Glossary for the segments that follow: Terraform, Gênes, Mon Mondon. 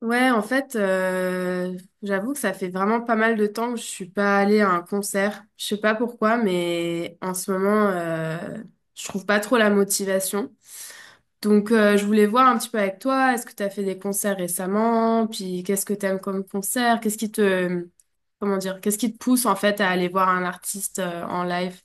Ouais, en fait, j'avoue que ça fait vraiment pas mal de temps que je suis pas allée à un concert. Je sais pas pourquoi, mais en ce moment, je trouve pas trop la motivation. Donc, je voulais voir un petit peu avec toi, est-ce que tu as fait des concerts récemment? Puis, qu'est-ce que t'aimes comme concert? Qu'est-ce qui te, comment dire, qu'est-ce qui te pousse en fait à aller voir un artiste en live?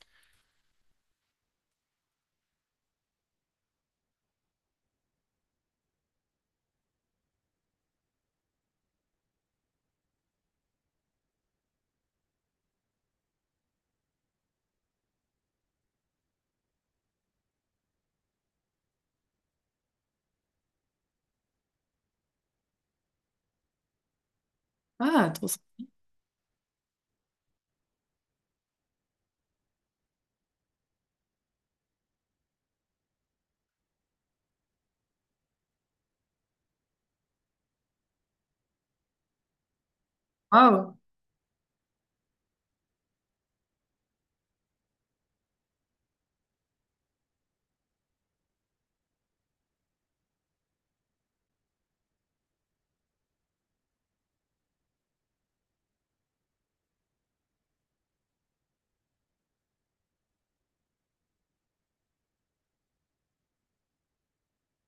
Ah, trop sympa. Waouh.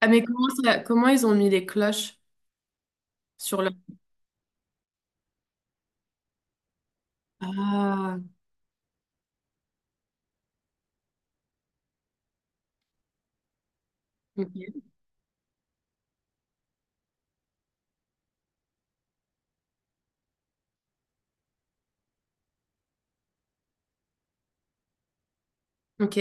Ah, mais comment ils ont mis les cloches sur leur. Ah, ok. Ok.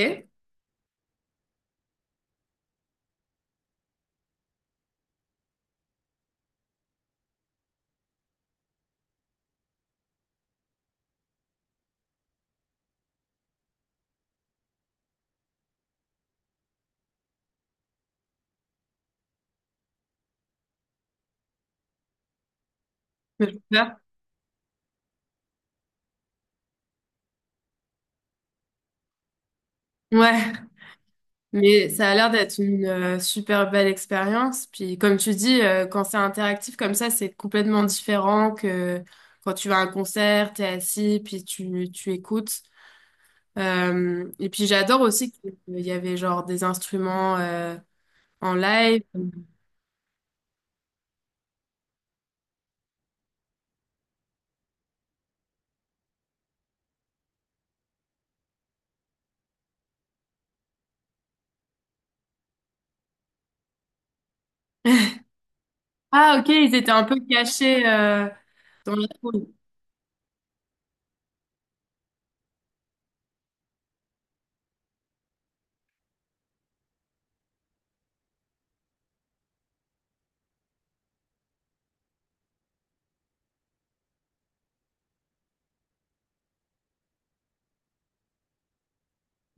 Ouais, mais ça a l'air d'être une super belle expérience. Puis comme tu dis, quand c'est interactif comme ça, c'est complètement différent que quand tu vas à un concert, t'es assis, puis tu écoutes. Et puis j'adore aussi qu'il y avait genre des instruments en live. Ah ok, ils étaient un peu cachés dans la foule.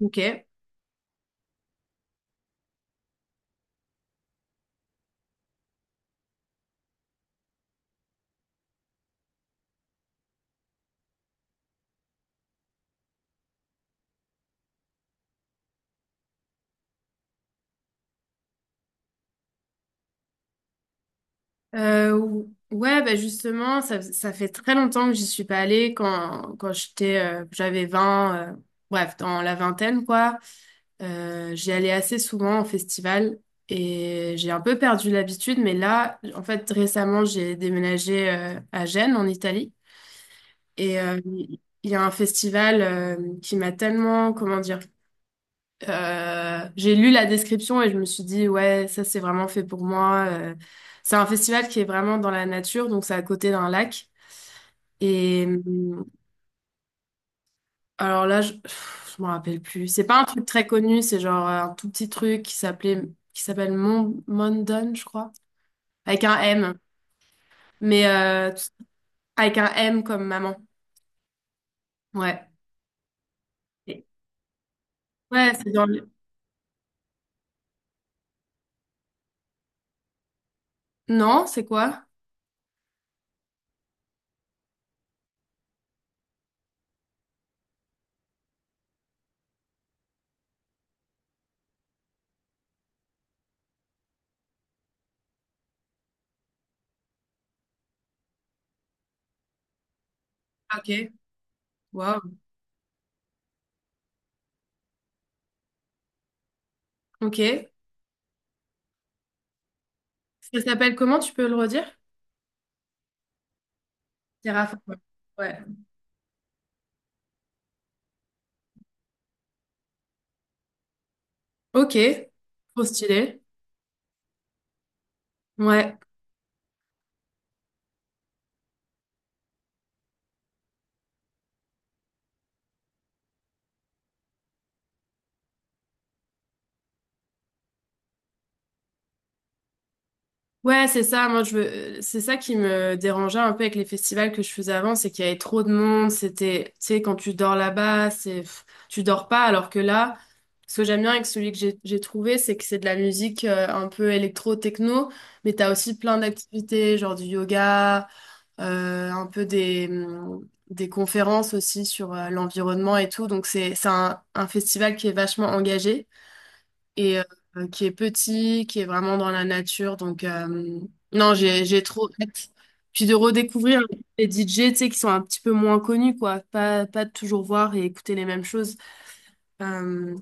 Ok. Ouais, bah justement, ça fait très longtemps que j'y suis pas allée quand j'étais, j'avais 20 bref, dans la vingtaine, quoi. J'y allais assez souvent en festival et j'ai un peu perdu l'habitude, mais là, en fait, récemment, j'ai déménagé, à Gênes, en Italie. Et il y a un festival, qui m'a tellement, comment dire, j'ai lu la description et je me suis dit, ouais, ça c'est vraiment fait pour moi. C'est un festival qui est vraiment dans la nature, donc c'est à côté d'un lac. Et alors là, je, pff, je m'en rappelle plus. C'est pas un truc très connu, c'est genre un tout petit truc qui s'appelle Mon Mondon, je crois, avec un M, mais avec un M comme maman. Ouais. Et. Ouais, c'est dans le... Non, c'est quoi? Ok. Wow. Ok. Ça s'appelle comment? Tu peux le redire? Terraform. Ouais. Ok, trop stylé. Ouais, ouais, c'est ça. C'est ça qui me dérangeait un peu avec les festivals que je faisais avant, c'est qu'il y avait trop de monde. C'était, tu sais, quand tu dors là-bas, c'est, pff, tu dors pas. Alors que là, ce que j'aime bien avec celui que j'ai trouvé, c'est que c'est de la musique un peu électro-techno, mais t'as aussi plein d'activités, genre du yoga, un peu des conférences aussi sur l'environnement et tout. Donc c'est un festival qui est vachement engagé, et qui est petit, qui est vraiment dans la nature. Donc, non, j'ai trop hâte. Puis de redécouvrir les DJ, tu sais, qui sont un petit peu moins connus, quoi. Pas de toujours voir et écouter les mêmes choses. Euh,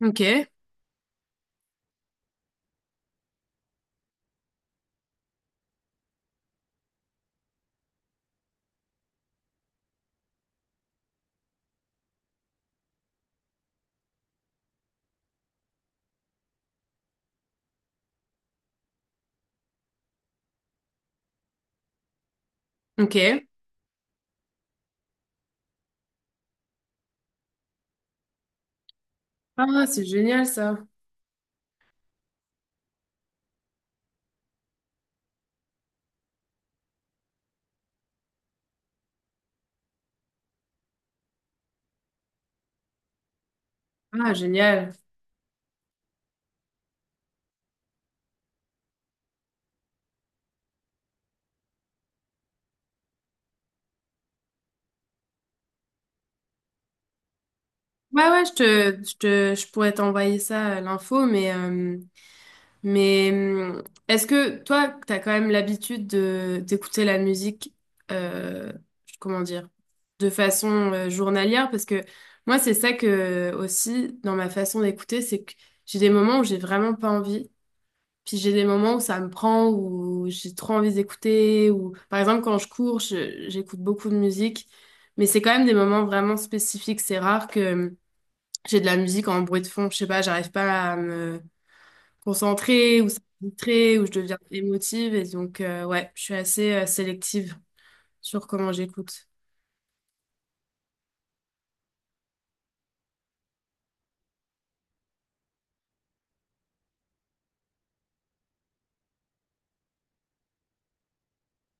ok, ok. Ah, c'est génial, ça. Ah, génial. Ouais, je pourrais t'envoyer ça, l'info, mais... mais est-ce que toi, t'as quand même l'habitude de d'écouter la musique, euh, comment dire, de façon journalière? Parce que moi, c'est ça que aussi dans ma façon d'écouter, c'est que j'ai des moments où j'ai vraiment pas envie, puis j'ai des moments où ça me prend, où j'ai trop envie d'écouter, ou par exemple quand je cours, j'écoute beaucoup de musique, mais c'est quand même des moments vraiment spécifiques. C'est rare que j'ai de la musique en bruit de fond. Je sais pas, j'arrive pas à me concentrée, ou ça me distrait, où je deviens émotive. Et donc, ouais, je suis assez sélective sur comment j'écoute.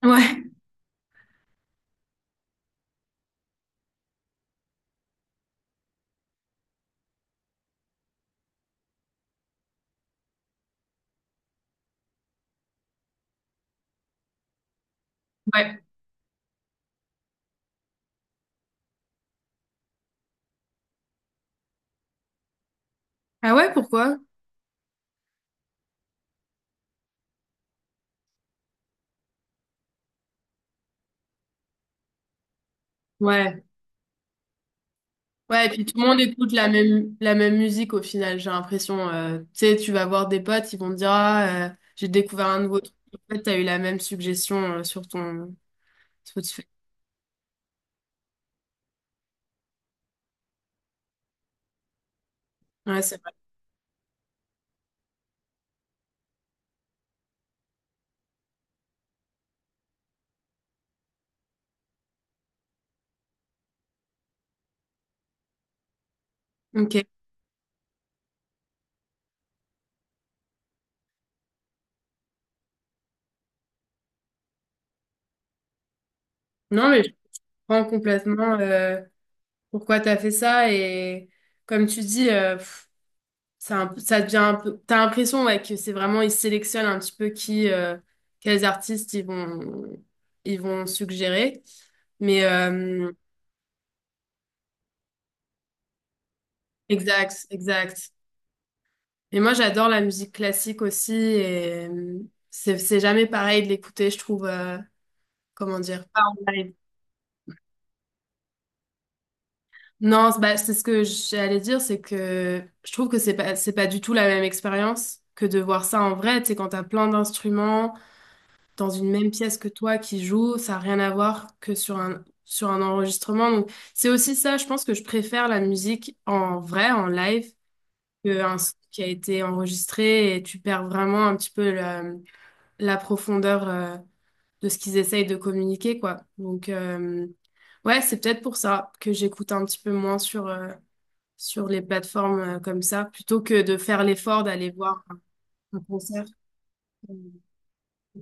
Ouais, ouais. Ah ouais, pourquoi? Ouais. Ouais, et puis tout le monde écoute la même musique au final, j'ai l'impression. Euh, tu sais, tu vas voir des potes, ils vont te dire, ah, j'ai découvert un nouveau truc. En fait, t'as eu la même suggestion sur ton Spotify. Ouais, c'est vrai. Ok. Non, mais je comprends complètement pourquoi t'as fait ça. Et comme tu dis, pff, c'est un peu- ça devient un peu. T'as l'impression ouais, que c'est vraiment ils sélectionnent un petit peu qui, quels artistes ils vont suggérer. Mais exact, exact. Et moi j'adore la musique classique aussi et c'est jamais pareil de l'écouter, je trouve. Euh, comment dire? Pas en live. Non, c'est- bah, c'est ce que j'allais dire, c'est que je trouve que c'est pas du tout la même expérience que de voir ça en vrai. Tu sais, quand t'as plein d'instruments dans une même pièce que toi qui joue, ça n'a rien à voir que sur sur un enregistrement. Donc, c'est aussi ça, je pense que je préfère la musique en vrai, en live, qu'un son qui a été enregistré et tu perds vraiment un petit peu la, la profondeur de ce qu'ils essayent de communiquer, quoi. Donc, ouais, c'est peut-être pour ça que j'écoute un petit peu moins sur, sur les plateformes comme ça, plutôt que de faire l'effort d'aller voir un concert euh,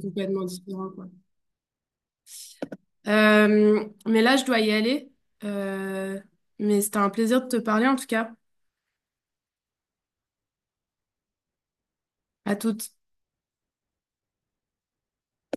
complètement différent, quoi. Mais là, je dois y aller. Euh, mais c'était un plaisir de te parler en tout cas. À toutes.